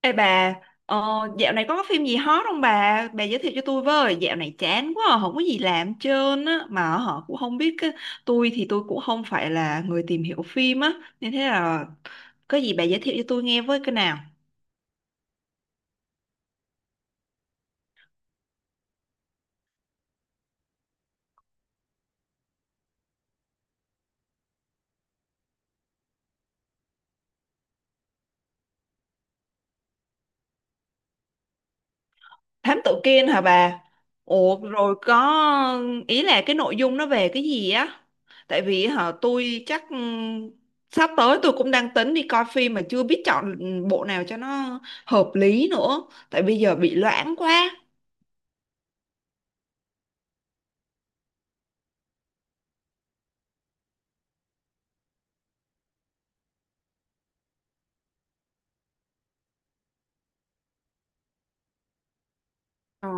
Ê bà, ờ, dạo này có phim gì hot không bà? Bà giới thiệu cho tôi với, dạo này chán quá, à, không có gì làm hết trơn á, mà họ cũng không biết, tôi thì tôi cũng không phải là người tìm hiểu phim á, nên thế là có gì bà giới thiệu cho tôi nghe với cái nào? Thám tử Kiên hả bà? Ủa rồi có, ý là cái nội dung nó về cái gì á? Tại vì hả tôi chắc sắp tới tôi cũng đang tính đi coi phim mà chưa biết chọn bộ nào cho nó hợp lý nữa, tại bây giờ bị loãng quá. Ờ,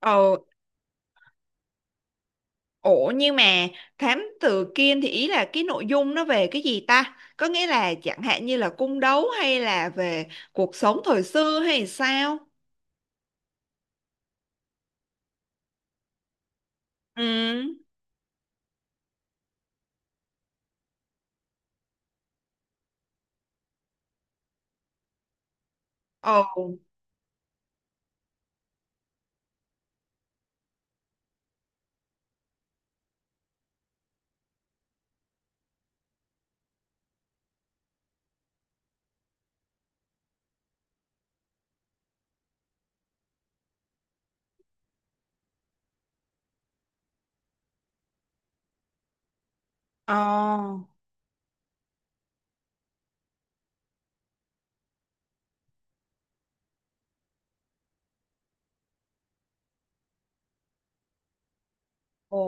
ờ, ủa nhưng mà thám tử Kiên thì ý là cái nội dung nó về cái gì ta? Có nghĩa là chẳng hạn như là cung đấu hay là về cuộc sống thời xưa hay sao? Ừ, ồ, ờ, ồ.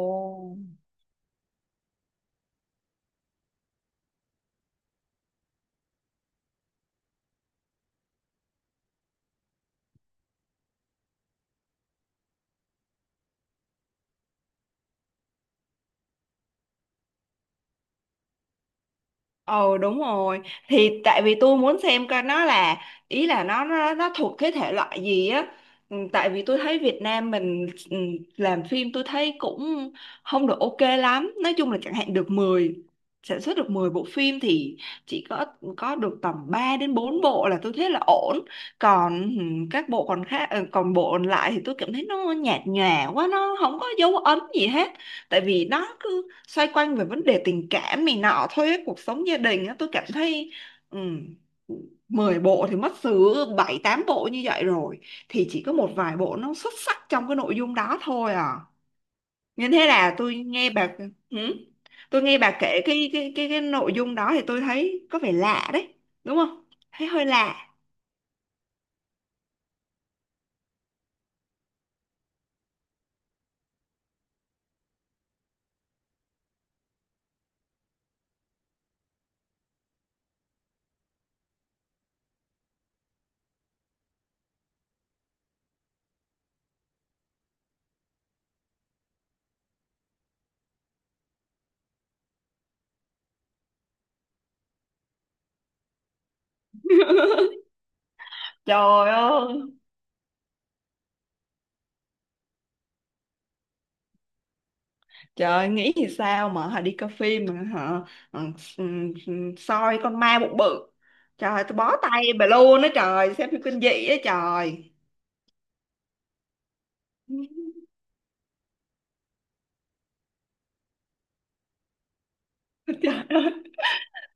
Ờ đúng rồi, thì tại vì tôi muốn xem coi nó là, ý là nó, nó thuộc cái thể loại gì á. Ừ, tại vì tôi thấy Việt Nam mình làm phim tôi thấy cũng không được ok lắm, nói chung là chẳng hạn được 10 sản xuất được 10 bộ phim thì chỉ có được tầm 3 đến 4 bộ là tôi thấy là ổn, còn các bộ còn khác, còn bộ còn lại thì tôi cảm thấy nó nhạt nhòa quá, nó không có dấu ấn gì hết, tại vì nó cứ xoay quanh về vấn đề tình cảm này nọ thôi ấy, cuộc sống gia đình á, tôi cảm thấy um, 10 bộ thì mất xứ 7 8 bộ như vậy rồi, thì chỉ có một vài bộ nó xuất sắc trong cái nội dung đó thôi à. Nên thế là tôi nghe bà, hử? Tôi nghe bà kể cái nội dung đó thì tôi thấy có vẻ lạ đấy, đúng không? Thấy hơi lạ. Trời ơi, trời ơi, nghĩ thì sao mà họ đi coi phim mà họ ừ, ừ, soi con ma bụng bự. Trời ơi, tôi bó tay bà luôn á trời, xem phim kinh dị á trời.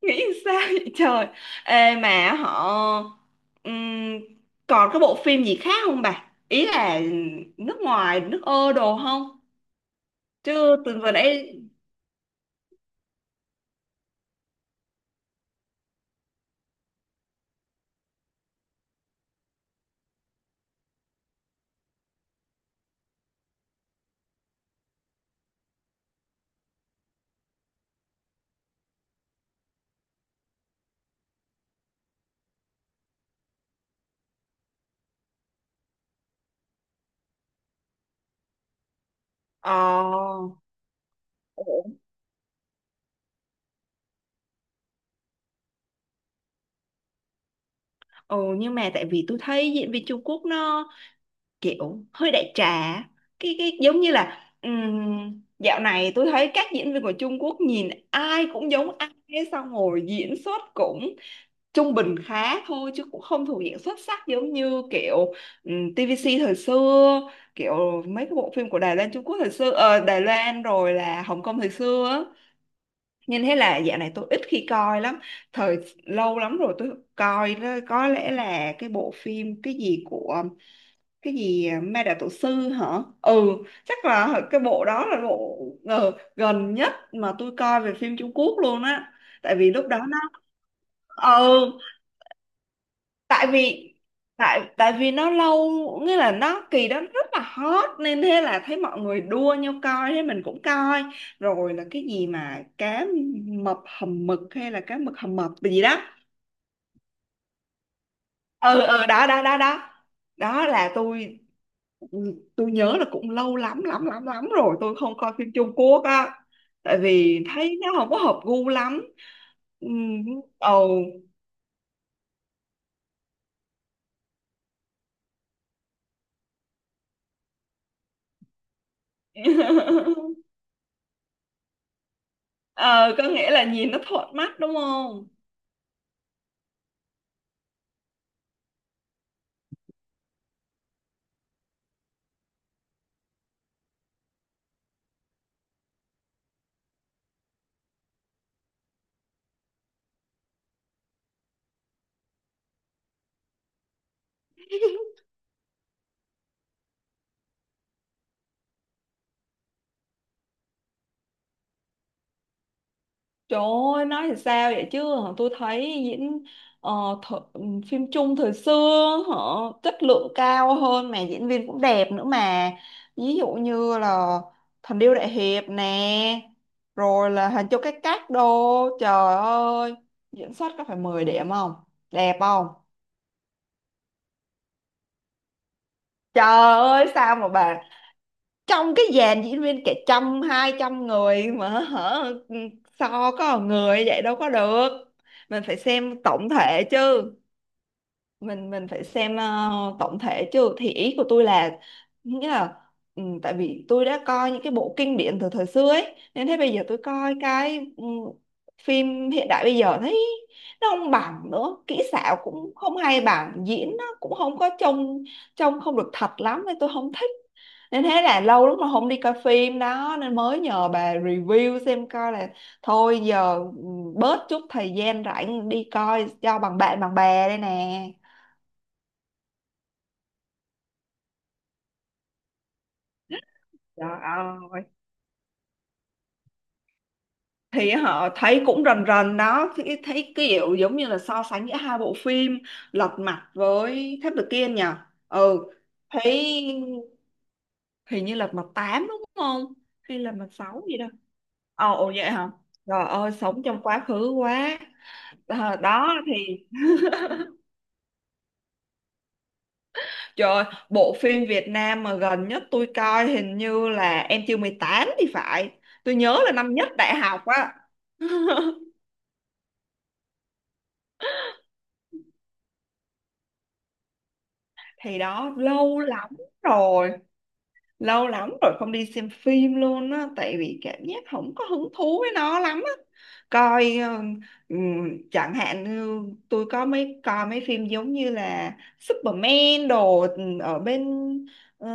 Nghĩ thì sao vậy trời. Ê mà họ ừm, còn cái bộ phim gì khác không bà? Ý là nước ngoài, nước ơ đồ không? Chứ từ vừa nãy ờ ủa, ừ, nhưng mà tại vì tôi thấy diễn viên Trung Quốc nó kiểu hơi đại trà, cái giống như là, dạo này tôi thấy các diễn viên của Trung Quốc nhìn ai cũng giống ai ấy, xong rồi diễn xuất cũng trung bình khá thôi chứ cũng không thuộc diện xuất sắc giống như kiểu TVC thời xưa, kiểu mấy cái bộ phim của Đài Loan Trung Quốc thời xưa, Đài Loan rồi là Hồng Kông thời xưa á. Nên thế là dạo này tôi ít khi coi lắm. Thời lâu lắm rồi tôi coi đó, có lẽ là cái bộ phim cái gì của cái gì à, ma đạo tổ sư hả. Ừ, chắc là cái bộ đó là bộ gần nhất mà tôi coi về phim Trung Quốc luôn á, tại vì lúc đó nó ừ tại vì tại vì nó lâu, nghĩa là nó kỳ đó rất là hot nên thế là thấy mọi người đua nhau coi thế mình cũng coi, rồi là cái gì mà cá mập hầm mực hay là cá mực hầm mập gì đó. Ừ, ừ, đó đó đó đó đó là tôi nhớ là cũng lâu lắm lắm lắm lắm rồi tôi không coi phim Trung Quốc á, tại vì thấy nó không có hợp gu lắm. Ừ, ồ. Ờ, có nghĩa là nhìn nó thuận mắt, đúng không? Trời ơi, nói thì sao vậy chứ, tôi thấy diễn, ờ, th- ừ, phim Trung thời xưa họ chất lượng cao hơn mà diễn viên cũng đẹp nữa mà, ví dụ như là Thần Điêu Đại Hiệp nè, rồi là Hình Châu Cái Cách đô, trời ơi diễn xuất có phải 10 điểm không, đẹp không? Trời ơi sao mà bà, trong cái dàn diễn viên cả trăm 200 người mà hả, ừ, so có một người vậy đâu có được, mình phải xem tổng thể chứ, mình phải xem tổng thể chứ, thì ý của tôi là, nghĩa là ừ, tại vì tôi đã coi những cái bộ kinh điển từ thời xưa ấy nên thế bây giờ tôi coi cái phim hiện đại bây giờ thấy nó không bằng nữa, kỹ xảo cũng không hay bằng, diễn nó cũng không có trông, trông không được thật lắm nên tôi không thích, nên thế là lâu lắm mà không đi coi phim đó nên mới nhờ bà review xem coi là, thôi giờ bớt chút thời gian rảnh đi coi cho bằng bạn bằng bè đây nè. Trời ơi. Thì họ thấy cũng rần rần đó, thì thấy kiểu giống như là so sánh giữa hai bộ phim Lật Mặt với Tháp Được Kiên nhỉ. Ừ, thấy hình như Lật Mặt 8 đúng không, hay Lật Mặt 6 gì đó. Ồ, ồ vậy hả, trời ơi sống trong quá khứ quá. Ờ, đó thì trời ơi, bộ phim Việt Nam mà gần nhất tôi coi hình như là Em Chưa 18 thì phải, tôi nhớ là năm nhất đại học á. Thì đó lâu lắm rồi, lâu lắm rồi không đi xem phim luôn á, tại vì cảm giác không có hứng thú với nó lắm á. Coi chẳng hạn như tôi có mấy coi mấy phim giống như là Superman đồ ở bên ờ,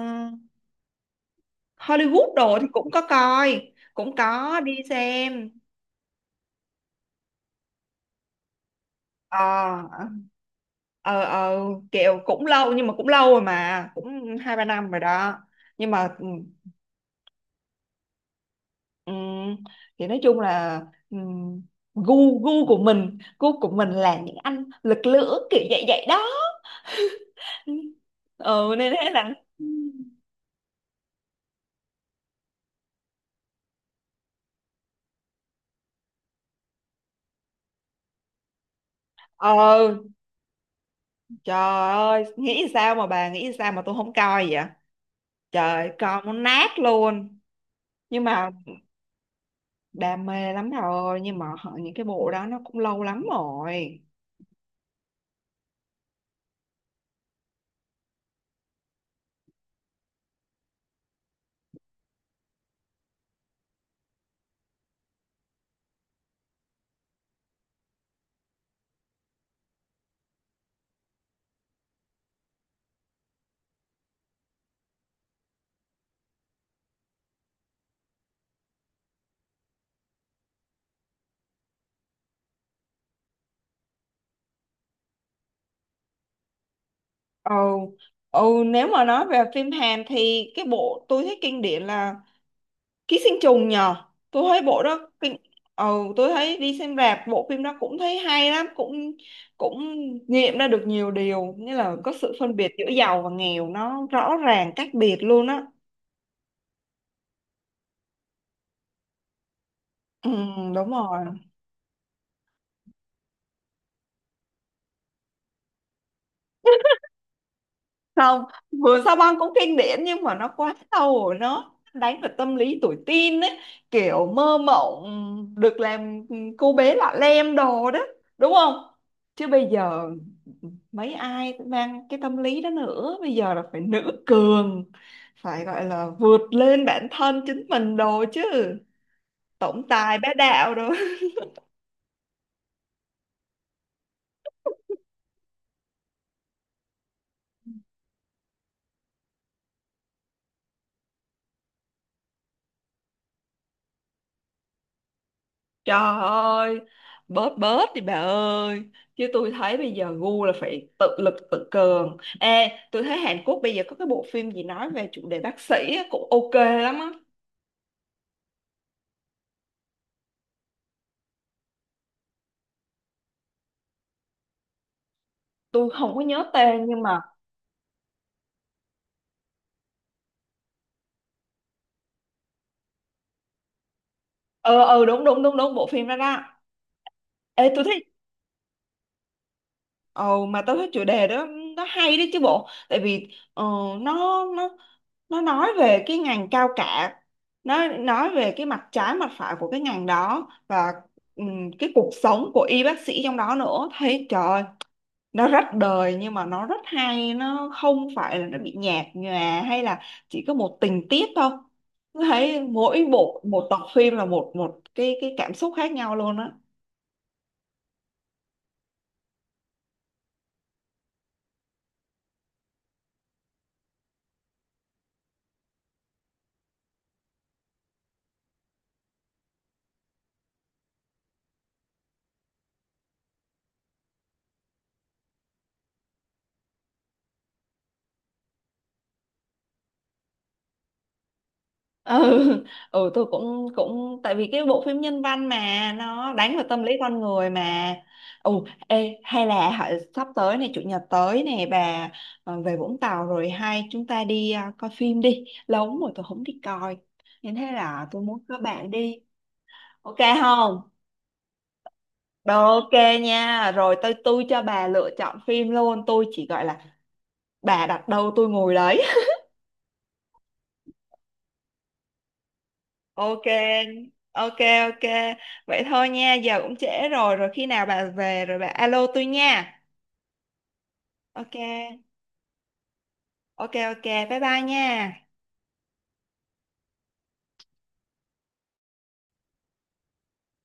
Hollywood đồ thì cũng có coi, cũng có đi xem. Ờ, ờ, kiểu cũng lâu nhưng mà cũng lâu rồi mà cũng hai ba năm rồi đó, nhưng mà, ừ, thì nói chung là ừm, gu gu của mình là những anh lực lưỡng kiểu vậy vậy đó. Ừ, ừ, nên thế là ờ trời ơi nghĩ sao mà bà, nghĩ sao mà tôi không coi vậy, trời coi muốn nát luôn, nhưng mà đam mê lắm rồi nhưng mà những cái bộ đó nó cũng lâu lắm rồi. Ừ, ừ, nếu mà nói về phim Hàn thì cái bộ tôi thấy kinh điển là ký sinh trùng nhờ, tôi thấy bộ đó kinh. Ừ, tôi thấy đi xem rạp bộ phim đó cũng thấy hay lắm, cũng cũng nghiệm ra được nhiều điều như là có sự phân biệt giữa giàu và nghèo nó rõ ràng cách biệt luôn á. Ừ, đúng rồi. Không, vừa sao băng cũng kinh điển nhưng mà nó quá sâu rồi, nó đánh vào tâm lý tuổi teen ấy, kiểu mơ mộng được làm cô bé lọ lem đồ đó, đúng không? Chứ bây giờ mấy ai mang cái tâm lý đó nữa, bây giờ là phải nữ cường, phải gọi là vượt lên bản thân chính mình đồ chứ, tổng tài bá đạo đồ. Trời ơi, bớt bớt đi bà ơi. Chứ tôi thấy bây giờ gu là phải tự lực tự cường. Ê, tôi thấy Hàn Quốc bây giờ có cái bộ phim gì nói về chủ đề bác sĩ á, cũng ok lắm á. Tôi không có nhớ tên nhưng mà... Ờ, ờ, đúng, đúng, đúng, đúng, bộ phim đó đó. Ê, tôi thấy, ồ mà tao thấy chủ đề đó nó hay đấy chứ bộ, tại vì ờ, nó nó nó nói về cái ngành cao cả, nó nói về cái mặt trái mặt phải của cái ngành đó, và cái cuộc sống của y bác sĩ trong đó nữa, thấy trời ơi, nó rất đời nhưng mà nó rất hay, nó không phải là nó bị nhạt nhòa hay là chỉ có một tình tiết thôi. Tôi thấy mỗi bộ một tập phim là một một cái cảm xúc khác nhau luôn á. Ừ, ừ, tôi cũng cũng tại vì cái bộ phim nhân văn mà nó đánh vào tâm lý con người mà. Ừ, ê hay là hả, sắp tới này chủ nhật tới này bà về Vũng Tàu rồi hay chúng ta đi, à, coi phim đi, lâu lắm rồi tôi không đi coi nên thế là tôi muốn các bạn đi. Ok không? Rồi ok nha, rồi tôi cho bà lựa chọn phim luôn, tôi chỉ gọi là bà đặt đâu tôi ngồi đấy. Ok, ok, ok. Vậy thôi nha, giờ cũng trễ rồi, rồi khi nào bà về rồi bà alo tôi nha. Ok, ok, ok, bye bye nha.